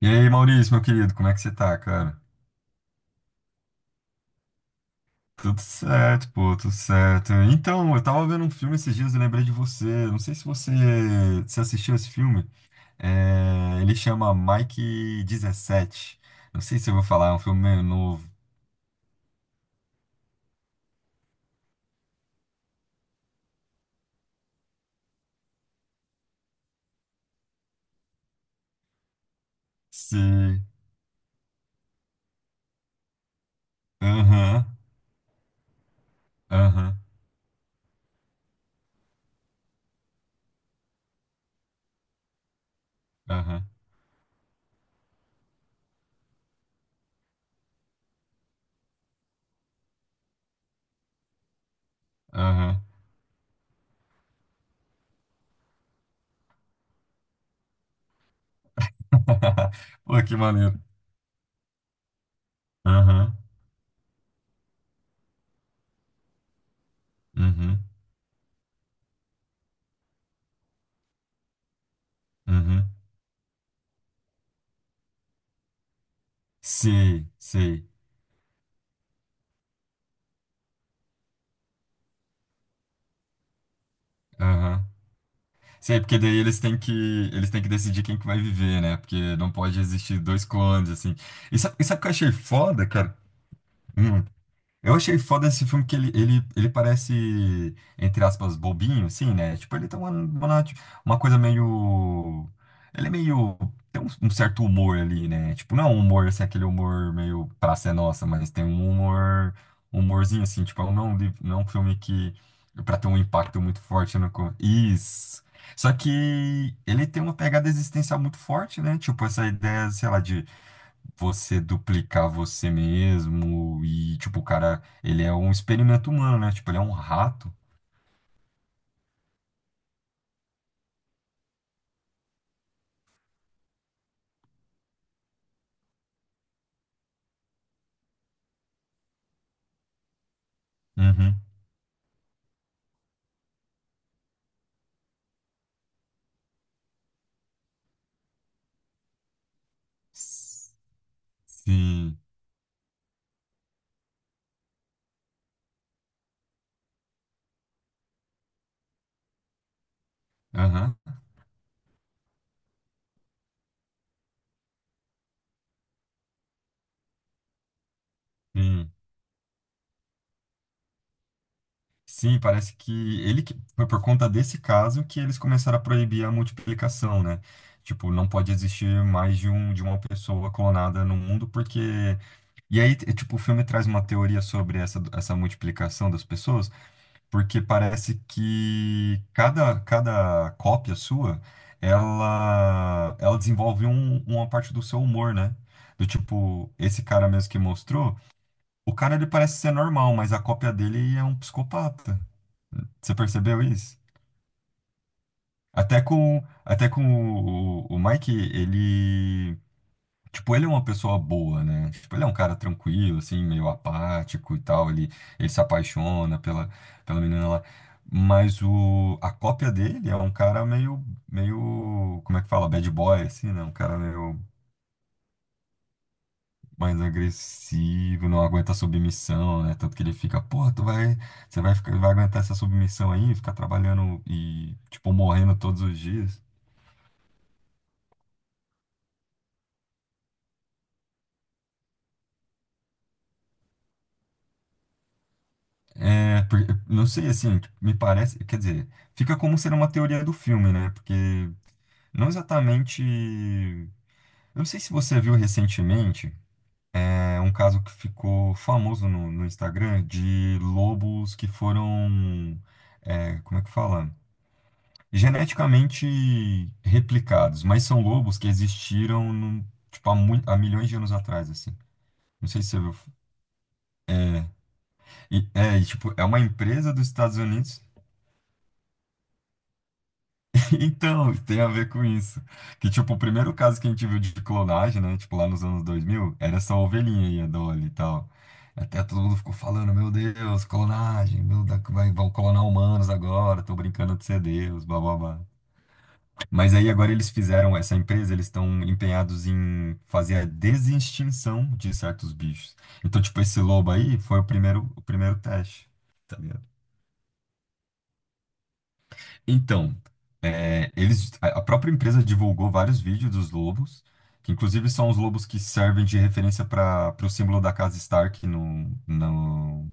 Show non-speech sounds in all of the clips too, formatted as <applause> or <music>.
E aí, Maurício, meu querido, como é que você tá, cara? Tudo certo, pô, tudo certo. Então, eu tava vendo um filme esses dias e lembrei de você. Não sei se você se assistiu esse filme. É, ele chama Mike 17. Não sei se eu vou falar, é um filme meio novo. Se. Aham, aham, aham, aham. <laughs> Pô, que maneiro. Aham, uhum, uhum. Sei, sei. Aham. Sim, é porque daí eles têm que decidir quem que vai viver, né? Porque não pode existir dois clones, assim. E sabe o que eu achei foda, cara? Hum. Eu achei foda esse filme que ele parece, entre aspas, bobinho, assim, né? Tipo, ele tem uma coisa meio. Ele é meio. Tem um certo humor ali, né? Tipo, não é um humor, assim, aquele humor meio Praça é Nossa, mas tem um humor. Um humorzinho, assim, tipo, não é um filme que. Pra ter um impacto muito forte no. co- isso. Só que ele tem uma pegada existencial muito forte, né? Tipo, essa ideia, sei lá, de você duplicar você mesmo e, tipo, o cara, ele é um experimento humano, né? Tipo, ele é um rato. Uhum. Sim. Aham. Sim. Sim, parece que foi por conta desse caso que eles começaram a proibir a multiplicação, né? Tipo, não pode existir mais de um de uma pessoa clonada no mundo porque tipo, o filme traz uma teoria sobre essa multiplicação das pessoas porque parece que cada cópia sua, ela desenvolve uma parte do seu humor, né? Do tipo, esse cara mesmo que mostrou, o cara ele parece ser normal, mas a cópia dele é um psicopata. Você percebeu isso? Até com o, o Mike, ele. Tipo, ele é uma pessoa boa, né? Tipo, ele é um cara tranquilo, assim, meio apático e tal. Ele se apaixona pela, pela menina lá. Mas a cópia dele é um cara meio, meio, como é que fala? Bad boy, assim, né? Um cara meio mais agressivo, não aguenta submissão, né? Tanto que ele fica, pô, tu vai, você vai, vai aguentar essa submissão aí, ficar trabalhando e, tipo, morrendo todos os dias. É, por- não sei, assim, me parece, quer dizer, fica como ser uma teoria do filme, né? Porque não exatamente. Eu não sei se você viu recentemente, é um caso que ficou famoso no Instagram de lobos que foram, é, como é que fala? Geneticamente replicados, mas são lobos que existiram tipo, há milhões de anos atrás, assim. Não sei se você viu. E, e, tipo, é uma empresa dos Estados Unidos. <laughs> Então, tem a ver com isso. Que, tipo, o primeiro caso que a gente viu de clonagem, né? Tipo, lá nos anos 2000 era essa ovelhinha aí, a Dolly e tal. Até todo mundo ficou falando, meu Deus, clonagem, meu, vai, vão clonar humanos agora, tô brincando de ser Deus, blá, blá, blá. Mas aí agora eles fizeram, essa empresa, eles estão empenhados em fazer a desextinção de certos bichos. Então, tipo, esse lobo aí foi o primeiro teste. Então, é, eles, a própria empresa divulgou vários vídeos dos lobos, que inclusive são os lobos que servem de referência para o símbolo da casa Stark no, no,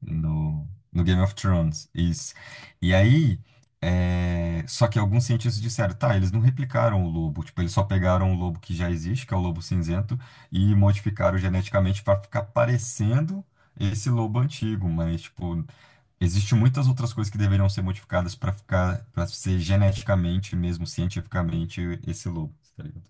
no, no Game of Thrones. Isso. E aí, é, só que alguns cientistas disseram, tá, eles não replicaram o lobo, tipo, eles só pegaram o lobo que já existe, que é o lobo cinzento, e modificaram geneticamente para ficar parecendo esse lobo antigo, mas, tipo, existem muitas outras coisas que deveriam ser modificadas para ficar, para ser geneticamente, mesmo cientificamente, esse lobo, tá ligado?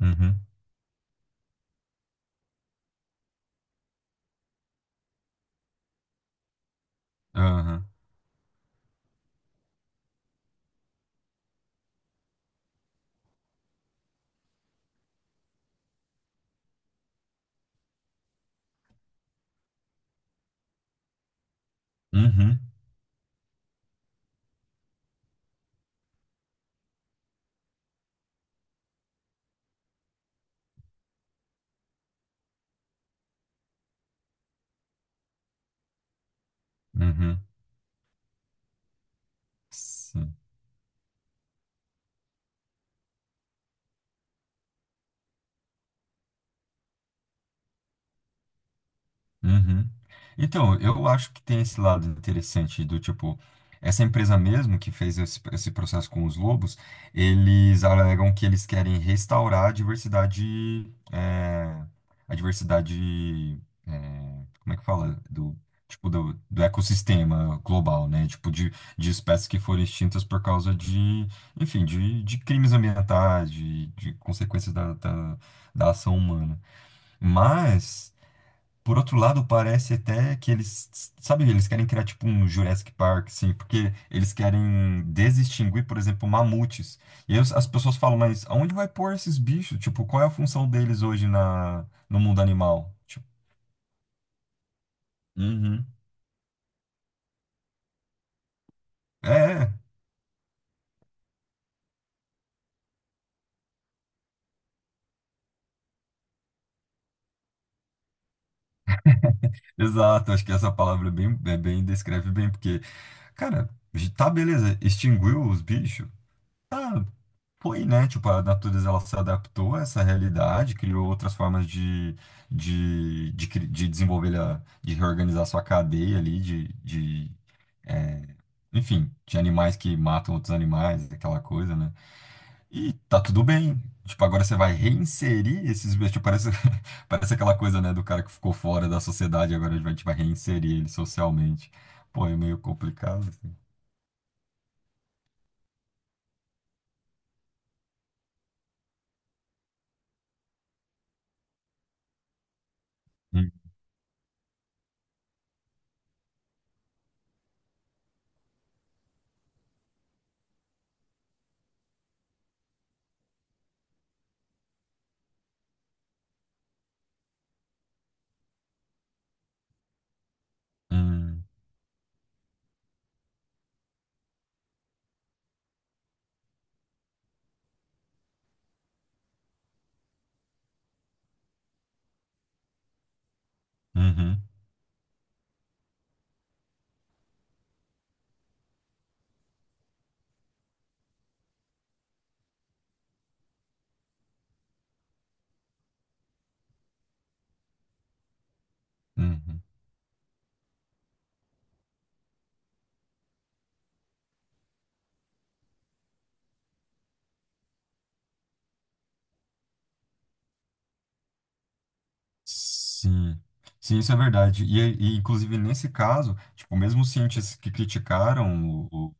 Uhum, aham, uhum, uhum. Sim. Uhum. Então, eu acho que tem esse lado interessante do tipo, essa empresa mesmo que fez esse processo com os lobos, eles alegam que eles querem restaurar a diversidade, é, como é que fala? Do, tipo, do ecossistema global, né? Tipo, de espécies que foram extintas por causa de, enfim, de crimes ambientais, de consequências da ação humana. Mas. Por outro lado, parece até que eles, sabe, eles querem criar tipo um Jurassic Park, assim, porque eles querem desextinguir, por exemplo, mamutes. E aí as pessoas falam, mas aonde vai pôr esses bichos? Tipo, qual é a função deles hoje na, no mundo animal? Tipo, uhum. É, é, exato. Acho que essa palavra é bem, descreve bem, porque, cara, tá beleza, extinguiu os bichos, ah, foi, né? Tipo, a natureza ela se adaptou a essa realidade, criou outras formas de, de desenvolver, de reorganizar sua cadeia ali, de é, enfim, de animais que matam outros animais, aquela coisa, né? E tá tudo bem. Tipo, agora você vai reinserir esses bichos. Tipo, parece, <laughs> parece aquela coisa, né, do cara que ficou fora da sociedade, agora a gente vai tipo, reinserir ele socialmente. Pô, é meio complicado, assim. Hum, hum, uhum, uhum. Sim, sim, isso é verdade. E, inclusive nesse caso, tipo, mesmo os cientistas que criticaram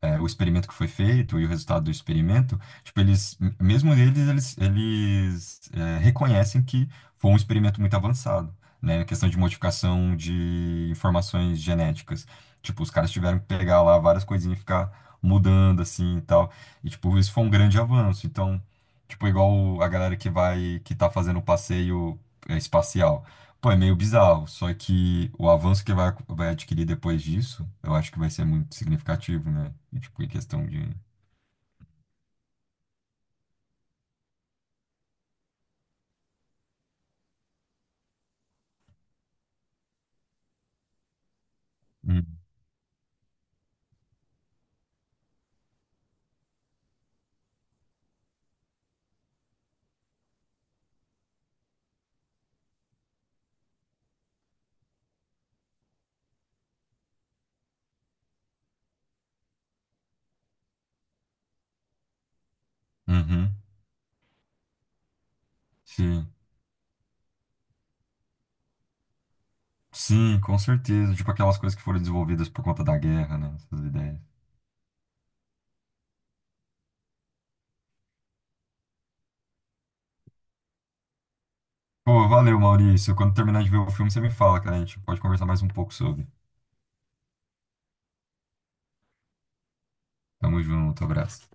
é, o experimento que foi feito e o resultado do experimento, tipo, eles, m- mesmo eles, eles, eles é, reconhecem que foi um experimento muito avançado, né? A questão de modificação de informações genéticas. Tipo, os caras tiveram que pegar lá várias coisinhas e ficar mudando, assim, e tal. E, tipo, isso foi um grande avanço. Então, tipo, igual a galera que vai, que tá fazendo o passeio é, espacial. Pô, é meio bizarro, só que o avanço que vai, vai adquirir depois disso, eu acho que vai ser muito significativo, né? E, tipo, em questão de. Hum. Uhum. Sim. Sim, com certeza. Tipo, aquelas coisas que foram desenvolvidas por conta da guerra, né? Essas ideias. Pô, valeu, Maurício. Quando terminar de ver o filme, você me fala, cara. A gente pode conversar mais um pouco sobre. Tamo junto, abraço.